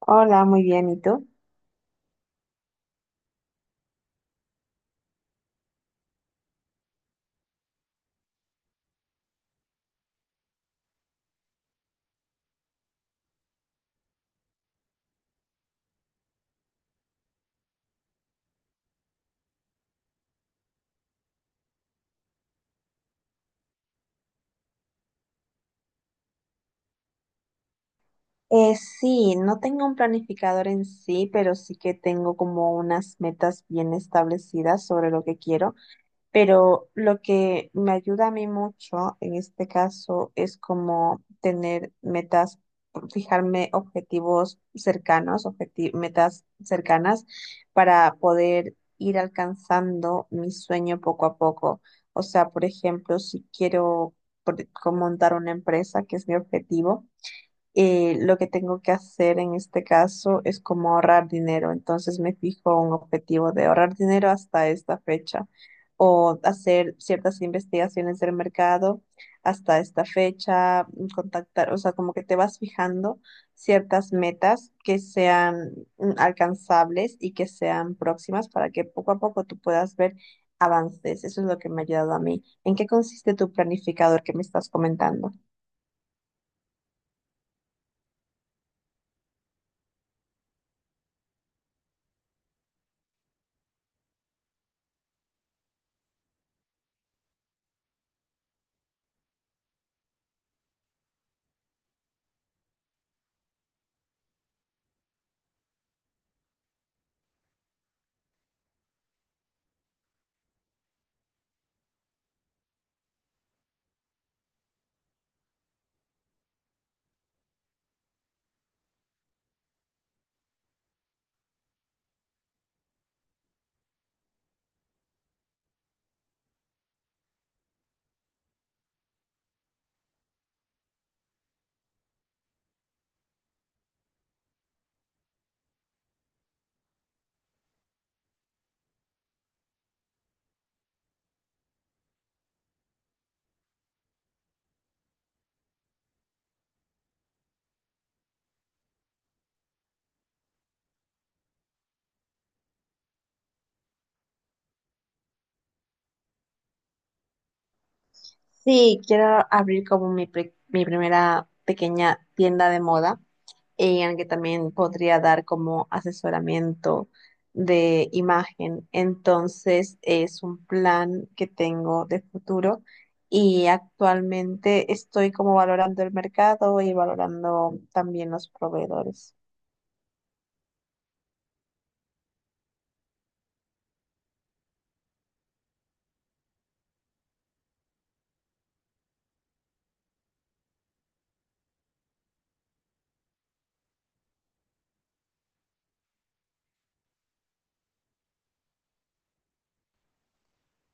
Hola, muy bien, ¿y tú? Sí, no tengo un planificador en sí, pero sí que tengo como unas metas bien establecidas sobre lo que quiero, pero lo que me ayuda a mí mucho en este caso es como tener metas, fijarme objetivos cercanos, metas cercanas para poder ir alcanzando mi sueño poco a poco. O sea, por ejemplo, si quiero como montar una empresa, que es mi objetivo. Lo que tengo que hacer en este caso es como ahorrar dinero. Entonces me fijo un objetivo de ahorrar dinero hasta esta fecha o hacer ciertas investigaciones del mercado hasta esta fecha, contactar, o sea, como que te vas fijando ciertas metas que sean alcanzables y que sean próximas para que poco a poco tú puedas ver avances. Eso es lo que me ha ayudado a mí. ¿En qué consiste tu planificador que me estás comentando? Sí, quiero abrir como mi, mi primera pequeña tienda de moda, en la que también podría dar como asesoramiento de imagen. Entonces, es un plan que tengo de futuro y actualmente estoy como valorando el mercado y valorando también los proveedores.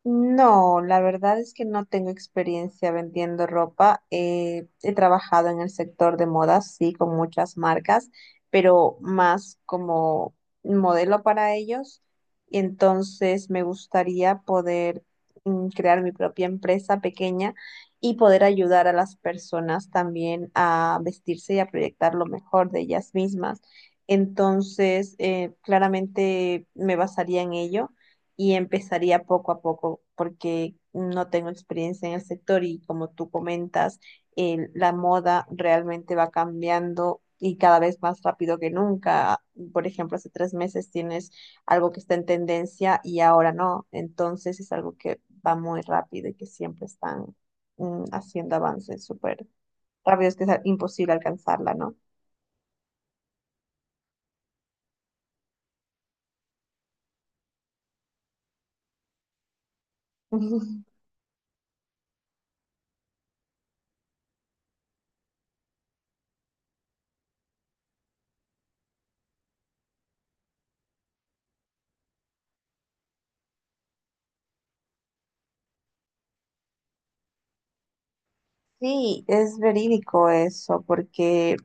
No, la verdad es que no tengo experiencia vendiendo ropa. He trabajado en el sector de moda, sí, con muchas marcas, pero más como modelo para ellos. Y entonces me gustaría poder crear mi propia empresa pequeña y poder ayudar a las personas también a vestirse y a proyectar lo mejor de ellas mismas. Entonces, claramente me basaría en ello y empezaría poco a poco porque no tengo experiencia en el sector y como tú comentas, la moda realmente va cambiando y cada vez más rápido que nunca. Por ejemplo, hace 3 meses tienes algo que está en tendencia y ahora no. Entonces es algo que va muy rápido y que siempre están haciendo avances súper rápidos que es imposible alcanzarla, ¿no? Sí, es verídico eso, porque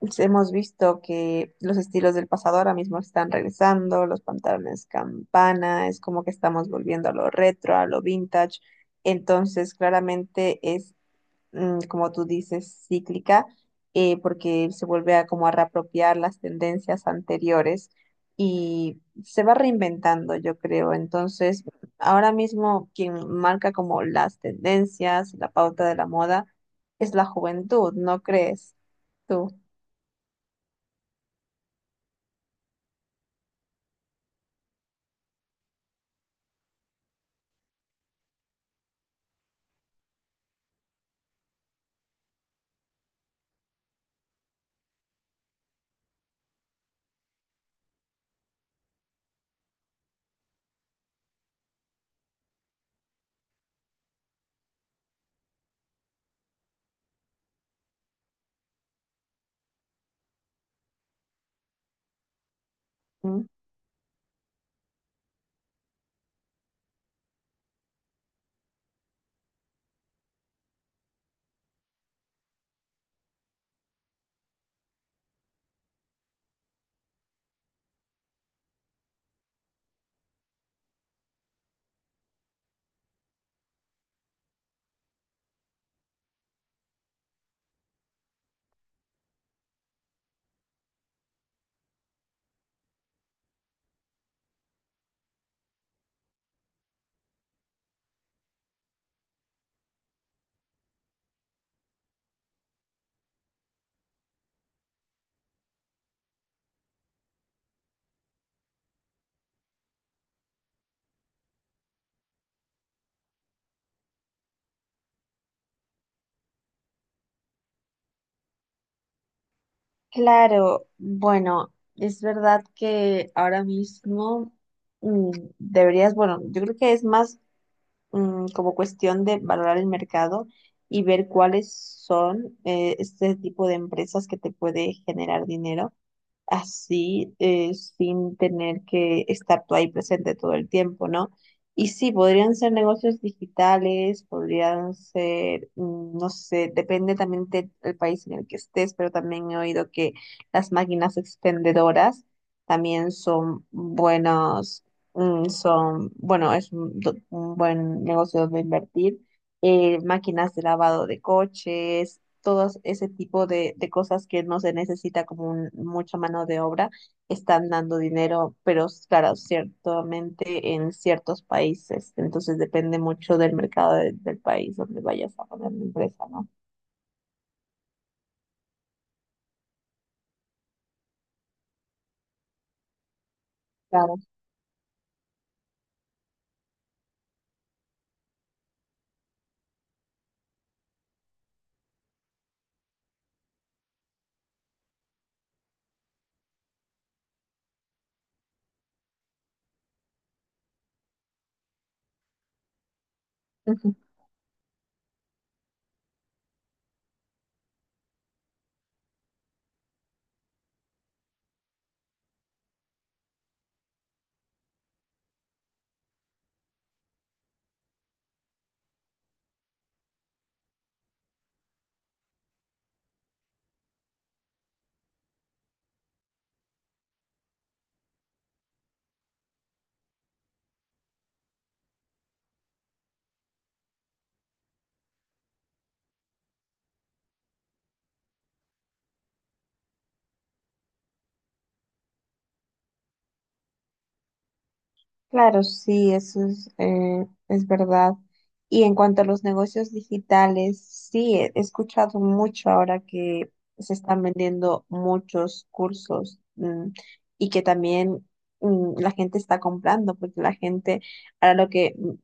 pues, hemos visto que los estilos del pasado ahora mismo están regresando, los pantalones campana, es como que estamos volviendo a lo retro, a lo vintage. Entonces, claramente es, como tú dices, cíclica, porque se vuelve a como a reapropiar las tendencias anteriores y se va reinventando, yo creo. Entonces, ahora mismo quien marca como las tendencias, la pauta de la moda, es la juventud, ¿no crees tú? Claro, bueno, es verdad que ahora mismo mm, deberías, bueno, yo creo que es más como cuestión de valorar el mercado y ver cuáles son este tipo de empresas que te puede generar dinero así, sin tener que estar tú ahí presente todo el tiempo, ¿no? Y sí, podrían ser negocios digitales, podrían ser, no sé, depende también del país en el que estés, pero también he oído que las máquinas expendedoras también son buenos, son, bueno, es un, un buen negocio donde invertir. Eh, máquinas de lavado de coches, todos ese tipo de cosas que no se necesita como mucha mano de obra, están dando dinero, pero claro, ciertamente en ciertos países. Entonces depende mucho del mercado del país donde vayas a poner la empresa, ¿no? Claro. Claro, sí, eso es verdad. Y en cuanto a los negocios digitales, sí, he escuchado mucho ahora que se están vendiendo muchos cursos, y que también, la gente está comprando, porque la gente, ahora lo que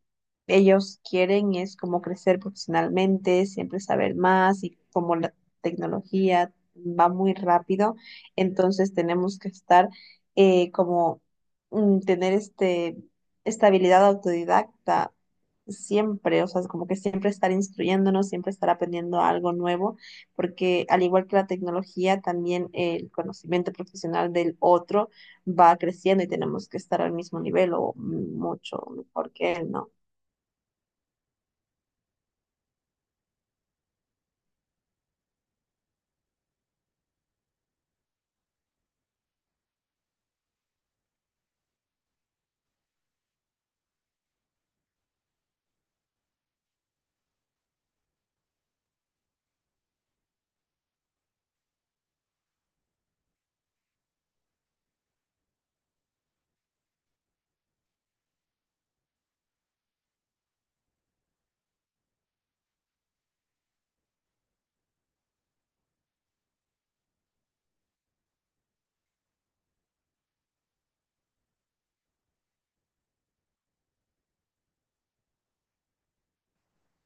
ellos quieren es como crecer profesionalmente, siempre saber más y como la tecnología va muy rápido, entonces tenemos que estar como tener este, esta habilidad autodidacta siempre, o sea, es como que siempre estar instruyéndonos, siempre estar aprendiendo algo nuevo, porque al igual que la tecnología, también el conocimiento profesional del otro va creciendo y tenemos que estar al mismo nivel o mucho mejor que él, ¿no?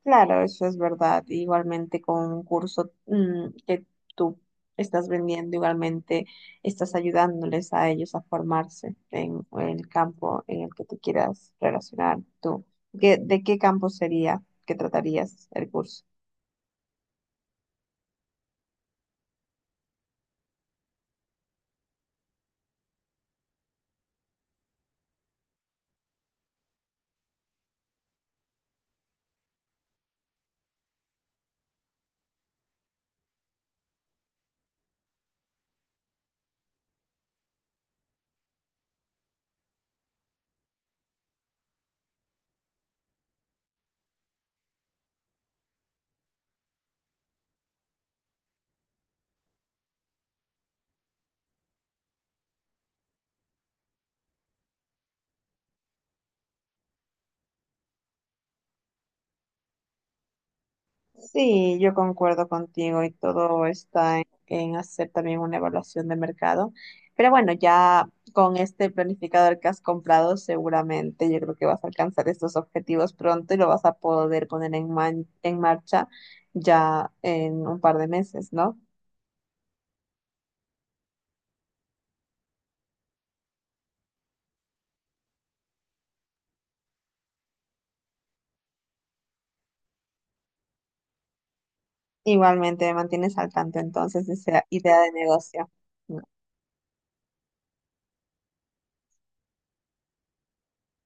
Claro, eso es verdad. Igualmente con un curso que tú estás vendiendo, igualmente estás ayudándoles a ellos a formarse en el campo en el que tú quieras relacionar tú. De qué campo sería que tratarías el curso? Sí, yo concuerdo contigo y todo está en hacer también una evaluación de mercado. Pero bueno, ya con este planificador que has comprado, seguramente yo creo que vas a alcanzar estos objetivos pronto y lo vas a poder poner en, en marcha ya en un par de meses, ¿no? Igualmente me mantienes al tanto entonces de esa idea de negocio.